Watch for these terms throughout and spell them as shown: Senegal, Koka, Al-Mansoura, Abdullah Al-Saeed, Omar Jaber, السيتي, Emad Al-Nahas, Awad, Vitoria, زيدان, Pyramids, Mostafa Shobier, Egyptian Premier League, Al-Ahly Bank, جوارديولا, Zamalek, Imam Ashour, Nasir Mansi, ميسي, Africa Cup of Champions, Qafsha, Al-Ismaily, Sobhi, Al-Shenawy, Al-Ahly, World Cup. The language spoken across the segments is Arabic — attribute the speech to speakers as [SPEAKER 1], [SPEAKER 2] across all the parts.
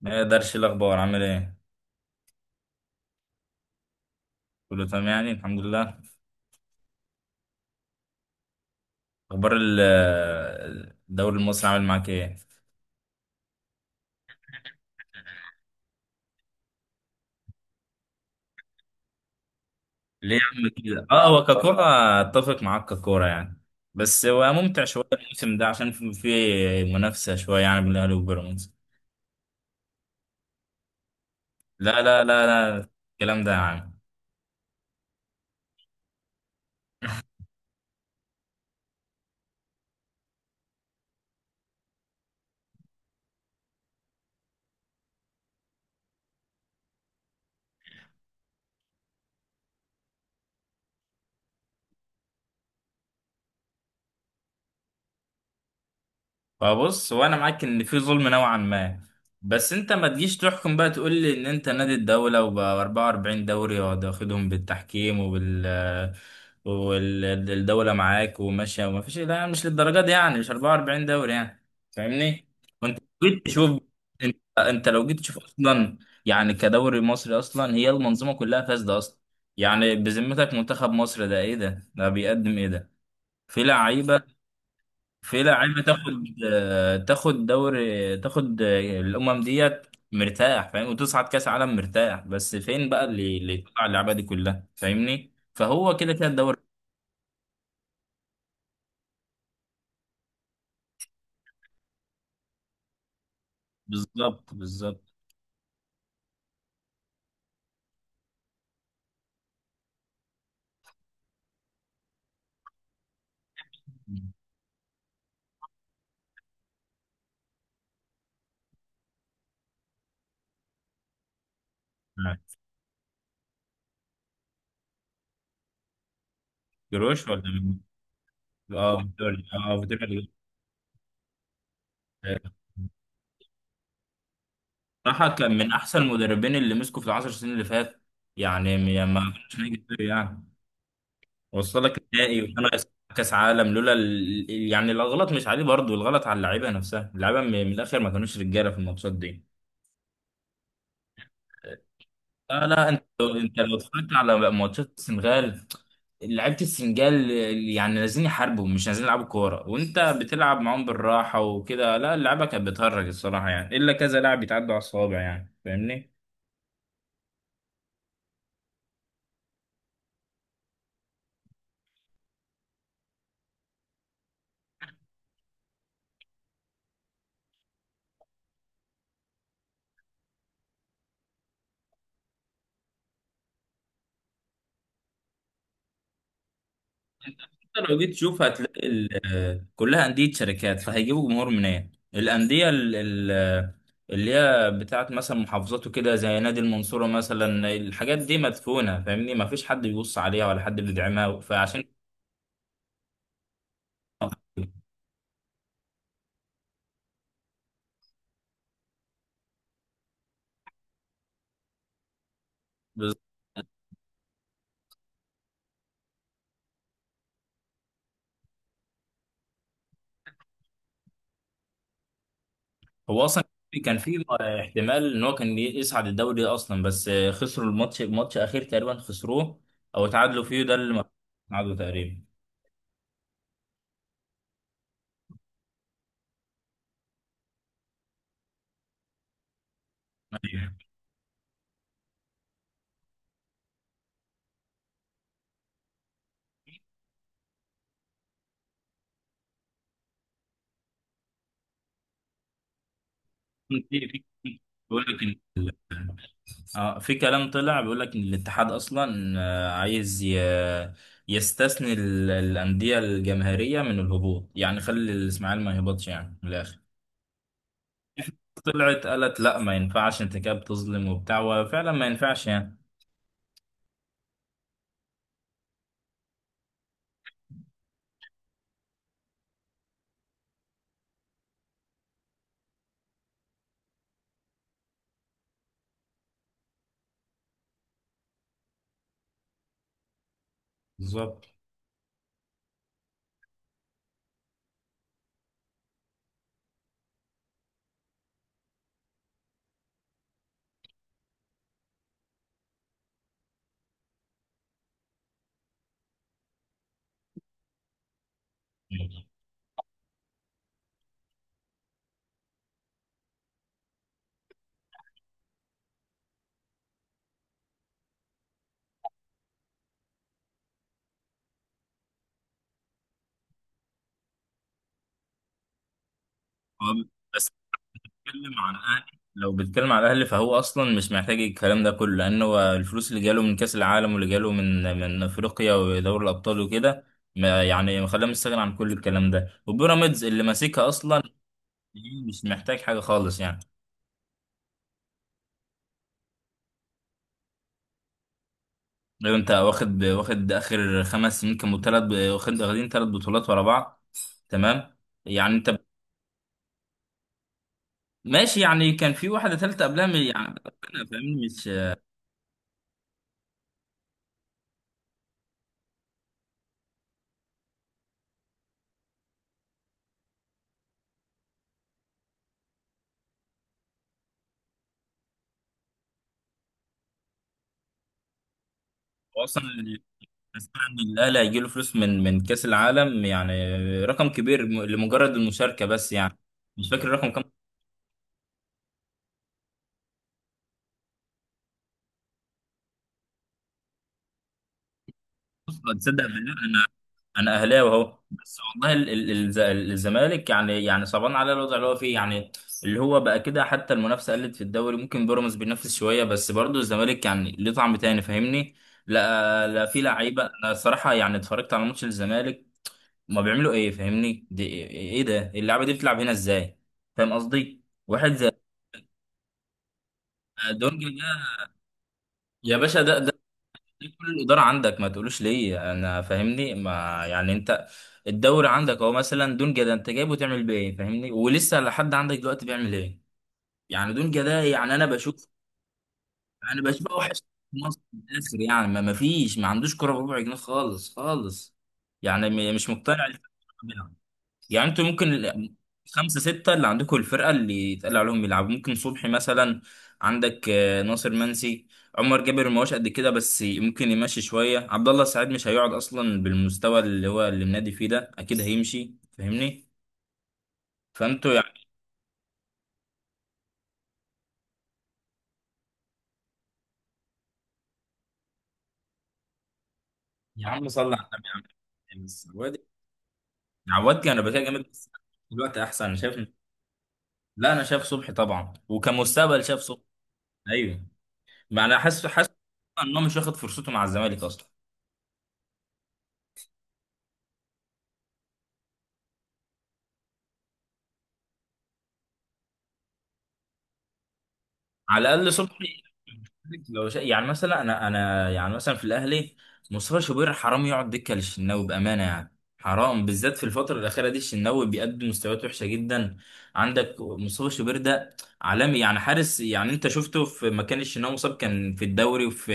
[SPEAKER 1] ما يقدرش الاخبار عامل ايه؟ كله تمام، يعني الحمد لله. اخبار الدوري المصري عامل معاك ايه؟ ليه يا عم كده؟ اه، هو ككوره اتفق معاك ككوره يعني. بس هو ممتع شويه الموسم ده عشان في منافسه شويه يعني بين الاهلي وبيراميدز. لا لا لا لا، الكلام ده يا عم. فبص، وانا معاك ان في ظلم نوعا ما، بس انت ما تجيش تحكم بقى تقول لي ان انت نادي الدولة وبقى 44 دوري واخدهم بالتحكيم والدولة معاك وماشية، وما فيش، لا مش للدرجة دي يعني، مش 44 دوري يعني، فاهمني؟ وانت لو جيت تشوف انت لو جيت تشوف اصلا، يعني كدوري مصري اصلا هي المنظومة كلها فاسدة اصلا. يعني بذمتك منتخب مصر ده ايه؟ ده بيقدم ايه ده؟ في لعيبة، في لعيبه تاخد تاخد دوري، تاخد الامم ديت مرتاح فاهم، وتصعد كاس عالم مرتاح، بس فين بقى اللي تطلع اللعبه دي كلها؟ فاهمني؟ فهو كده كده الدوري. بالظبط، بالظبط. جروش ولا مين؟ اه فيتوريا، اه فيتوريا. صراحه كان من احسن المدربين اللي مسكوا في العشر سنين اللي فات، يعني ما كانش هيجي يعني. وصل لك نهائي وخمس كاس عالم لولا يعني الغلط مش عليه، برضه الغلط على اللعيبه نفسها، اللعيبه من الاخر ما كانوش رجاله في الماتشات دي. لا لا، انت لو اتفرجت على ماتشات السنغال، لعيبه السنغال يعني نازلين يحاربوا، مش نازلين يلعبوا كوره، وانت بتلعب معاهم بالراحه وكده. لا، اللعبه كانت بتهرج الصراحه يعني، الا كذا لاعب يتعدوا على الصوابع يعني، فاهمني؟ لو جيت تشوف هتلاقي كلها أندية شركات، فهيجيبوا جمهور منين؟ الأندية اللي هي بتاعت مثلا محافظات وكده، زي نادي المنصورة مثلا، الحاجات دي مدفونة، فاهمني؟ ما فيش حد بيبص عليها ولا حد بيدعمها فعشان بز- هو أصلا كان في احتمال إن هو كان يصعد الدوري أصلا، بس خسروا الماتش، ماتش أخير تقريبا خسروه أو تعادلوا فيه، ده اللي ما تعادلوا تقريبا. أيوه. في- في- بقول لك اه، في كلام طلع بيقول لك ان الاتحاد اصلا عايز يستثني الانديه الجماهيريه من الهبوط، يعني خلي الاسماعيلي ما يهبطش، يعني من الاخر. طلعت قالت لا ما ينفعش، انت كده بتظلم وبتاع، وفعلا ما ينفعش يعني. بالظبط. هو بس بتكلم عن الاهلي، لو بتكلم على الاهلي فهو اصلا مش محتاج الكلام ده كله، لان هو الفلوس اللي جاله من كاس العالم، واللي جاله من افريقيا ودوري الابطال وكده، ما يعني خلاه مستغني عن كل الكلام ده. وبيراميدز اللي ماسكها اصلا مش محتاج حاجة خالص يعني. لو انت واخد اخر خمس سنين كانوا تلات، واخد واخدين تلات بطولات ورا بعض، تمام، يعني انت ماشي يعني. كان في واحدة تالتة قبلها من يعني، انا فاهمني مش هو اصلا اللي اسمع ان الاهلي هيجي له فلوس من كاس العالم يعني، رقم كبير لمجرد المشاركة بس يعني، مش فاكر الرقم كام. تصدق بالله، انا اهلاوي اهو، بس والله الزمالك يعني صعبان على الوضع اللي هو فيه يعني، اللي هو بقى كده. حتى المنافسه قلت في الدوري، ممكن بيراميدز بينافس شويه، بس برضه الزمالك يعني ليه طعم تاني، فاهمني؟ لا لا، في لعيبه، انا الصراحه يعني اتفرجت على ماتش الزمالك، ما بيعملوا ايه، فاهمني؟ دي ايه؟ إيه ده؟ اللعبه دي بتلعب هنا ازاي؟ فاهم قصدي، واحد زي دونجا ده يا باشا، ده ليه؟ كل الإدارة عندك ما تقولوش ليه؟ أنا فاهمني ما يعني أنت الدوري عندك، هو مثلا دونجا ده أنت جايبه تعمل بيه إيه؟ فاهمني؟ ولسه لحد عندك دلوقتي بيعمل إيه يعني دونجا ده؟ يعني أنا بشوف، أنا بشوف أوحش في مصر في الآخر يعني. ما فيش ما عندوش كرة بربع جنيه، خالص خالص يعني، مش مقتنع يعني. انتوا ممكن خمسة ستة اللي عندكم، الفرقة اللي يتقال عليهم يلعبوا، ممكن صبحي مثلا، عندك ناصر منسي، عمر جابر ما هوش قد كده بس ممكن يمشي شوية، عبد الله السعيد مش هيقعد أصلا بالمستوى اللي هو منادي فيه ده، أكيد هيمشي فاهمني؟ فأنتوا يعني. يا عم صلي على النبي. يا عم بس عواد، عواد كان رباكية جامد، بس دلوقتي أحسن أنا شايف. لا أنا شايف صبحي طبعا، وكمستقبل شايف صبحي. أيوه، ما أنا حاسس إن هو مش واخد فرصته مع الزمالك أصلا. على الاقل صبحي. يعني مثلا انا يعني مثلا في الاهلي، مصطفى شوبير حرام يقعد دكه للشناوي، بامانه يعني، حرام بالذات في الفتره الاخيره دي، الشناوي بيقدم مستويات وحشه جدا. عندك مصطفى شوبير ده عالمي يعني حارس يعني. انت شفته في مكان الشناوي، مصاب كان في الدوري وفي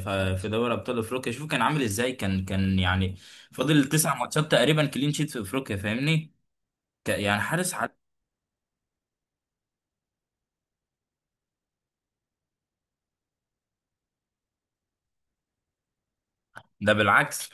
[SPEAKER 1] في دوري ابطال افريقيا، شوف كان عامل ازاي، كان يعني فاضل تسع ماتشات تقريبا كلين شيت في افريقيا، فاهمني؟ يعني حارس ده بالعكس.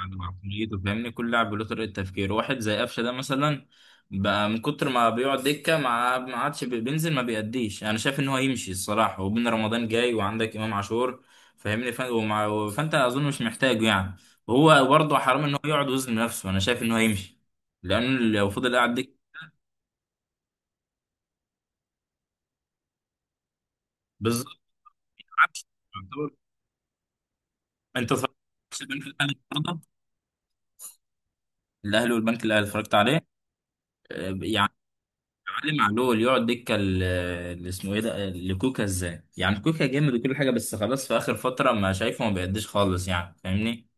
[SPEAKER 1] عن عقليته فاهمني كل لاعب له طريقة تفكير، واحد زي قفشة ده مثلا بقى من كتر ما بيقعد دكة ما عادش بينزل ما بيأديش، أنا شايف إن هو يمشي الصراحة، وبين رمضان جاي وعندك إمام عاشور، فاهمني؟ فأنت أظن مش محتاجه يعني، وهو برضه حرام إن هو يقعد وزن نفسه، أنا شايف إن هو يمشي لأنه لو فضل قاعد دكة. بالظبط. عكس- يعتبر- أنت اتفرجت على البنك الأهلي النهارده؟ الأهلي والبنك الأهلي اتفرجت عليه؟ يعني اتعلم علي معلول يقعد دكه اللي اسمه ايه ده، لكوكا، ازاي يعني؟ كوكا جامد وكل حاجه بس خلاص في اخر فتره ما شايفه ما بيقدش خالص يعني، فاهمني؟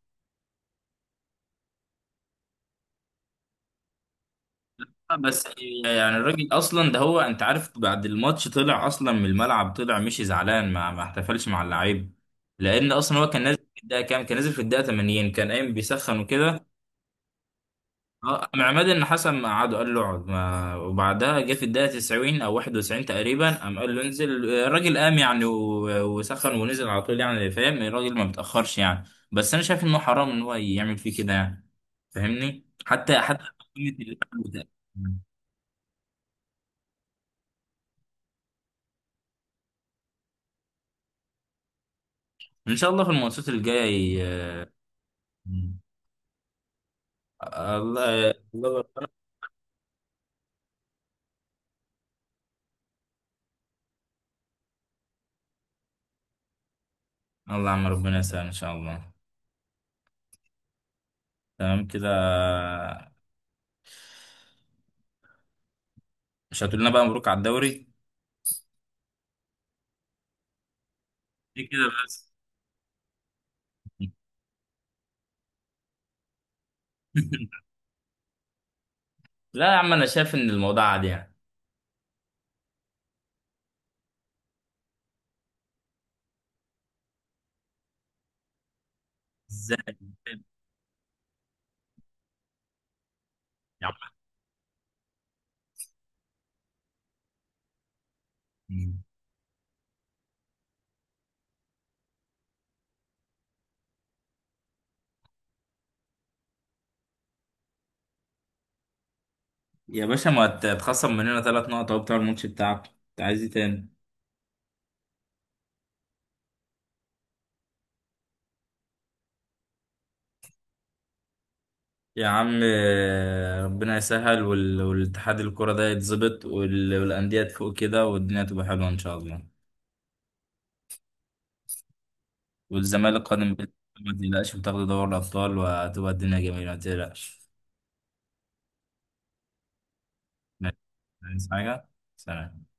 [SPEAKER 1] آه، بس يعني الراجل اصلا ده، هو انت عارف بعد الماتش طلع اصلا من الملعب، طلع مشي زعلان، ما احتفلش مع اللعيب لان اصلا هو كان نازل في الدقيقه كام، كان نازل في الدقيقه 80 كان قايم بيسخن وكده. اه، مع عماد النحاس اما قعدوا قال له اقعد، ما وبعدها جه في الدقيقه 90 او 91 تقريبا قام قال له انزل، الراجل قام يعني وسخن ونزل على طول يعني، فاهم الراجل ما بيتاخرش يعني. بس انا شايف انه حرام ان هو يعمل فيه كده يعني، فاهمني؟ حتى قيمة اللعب ده. ان شاء الله في الماتشات الجايه. ي- الله الله، الله عم ربنا يسهل ان شاء الله. تمام كده؟ مش هتقول لنا بقى مبروك على الدوري؟ إيه كده بس؟ لا يا عم انا شايف ان الموضوع عادي يعني. ازاي؟ يا عم، يا باشا ما تخصم مننا ثلاث نقط اهو بتاع الماتش بتاعك، انت عايز ايه تاني؟ يا عم ربنا يسهل والاتحاد الكرة ده يتظبط والأندية تفوق كده والدنيا تبقى حلوة إن شاء الله. والزمالك قادم بإذن الله، ما تقلقش بتاخد دوري الأبطال وهتبقى الدنيا جميلة ما تقلقش. ماشي. عايز حاجة؟ سلام.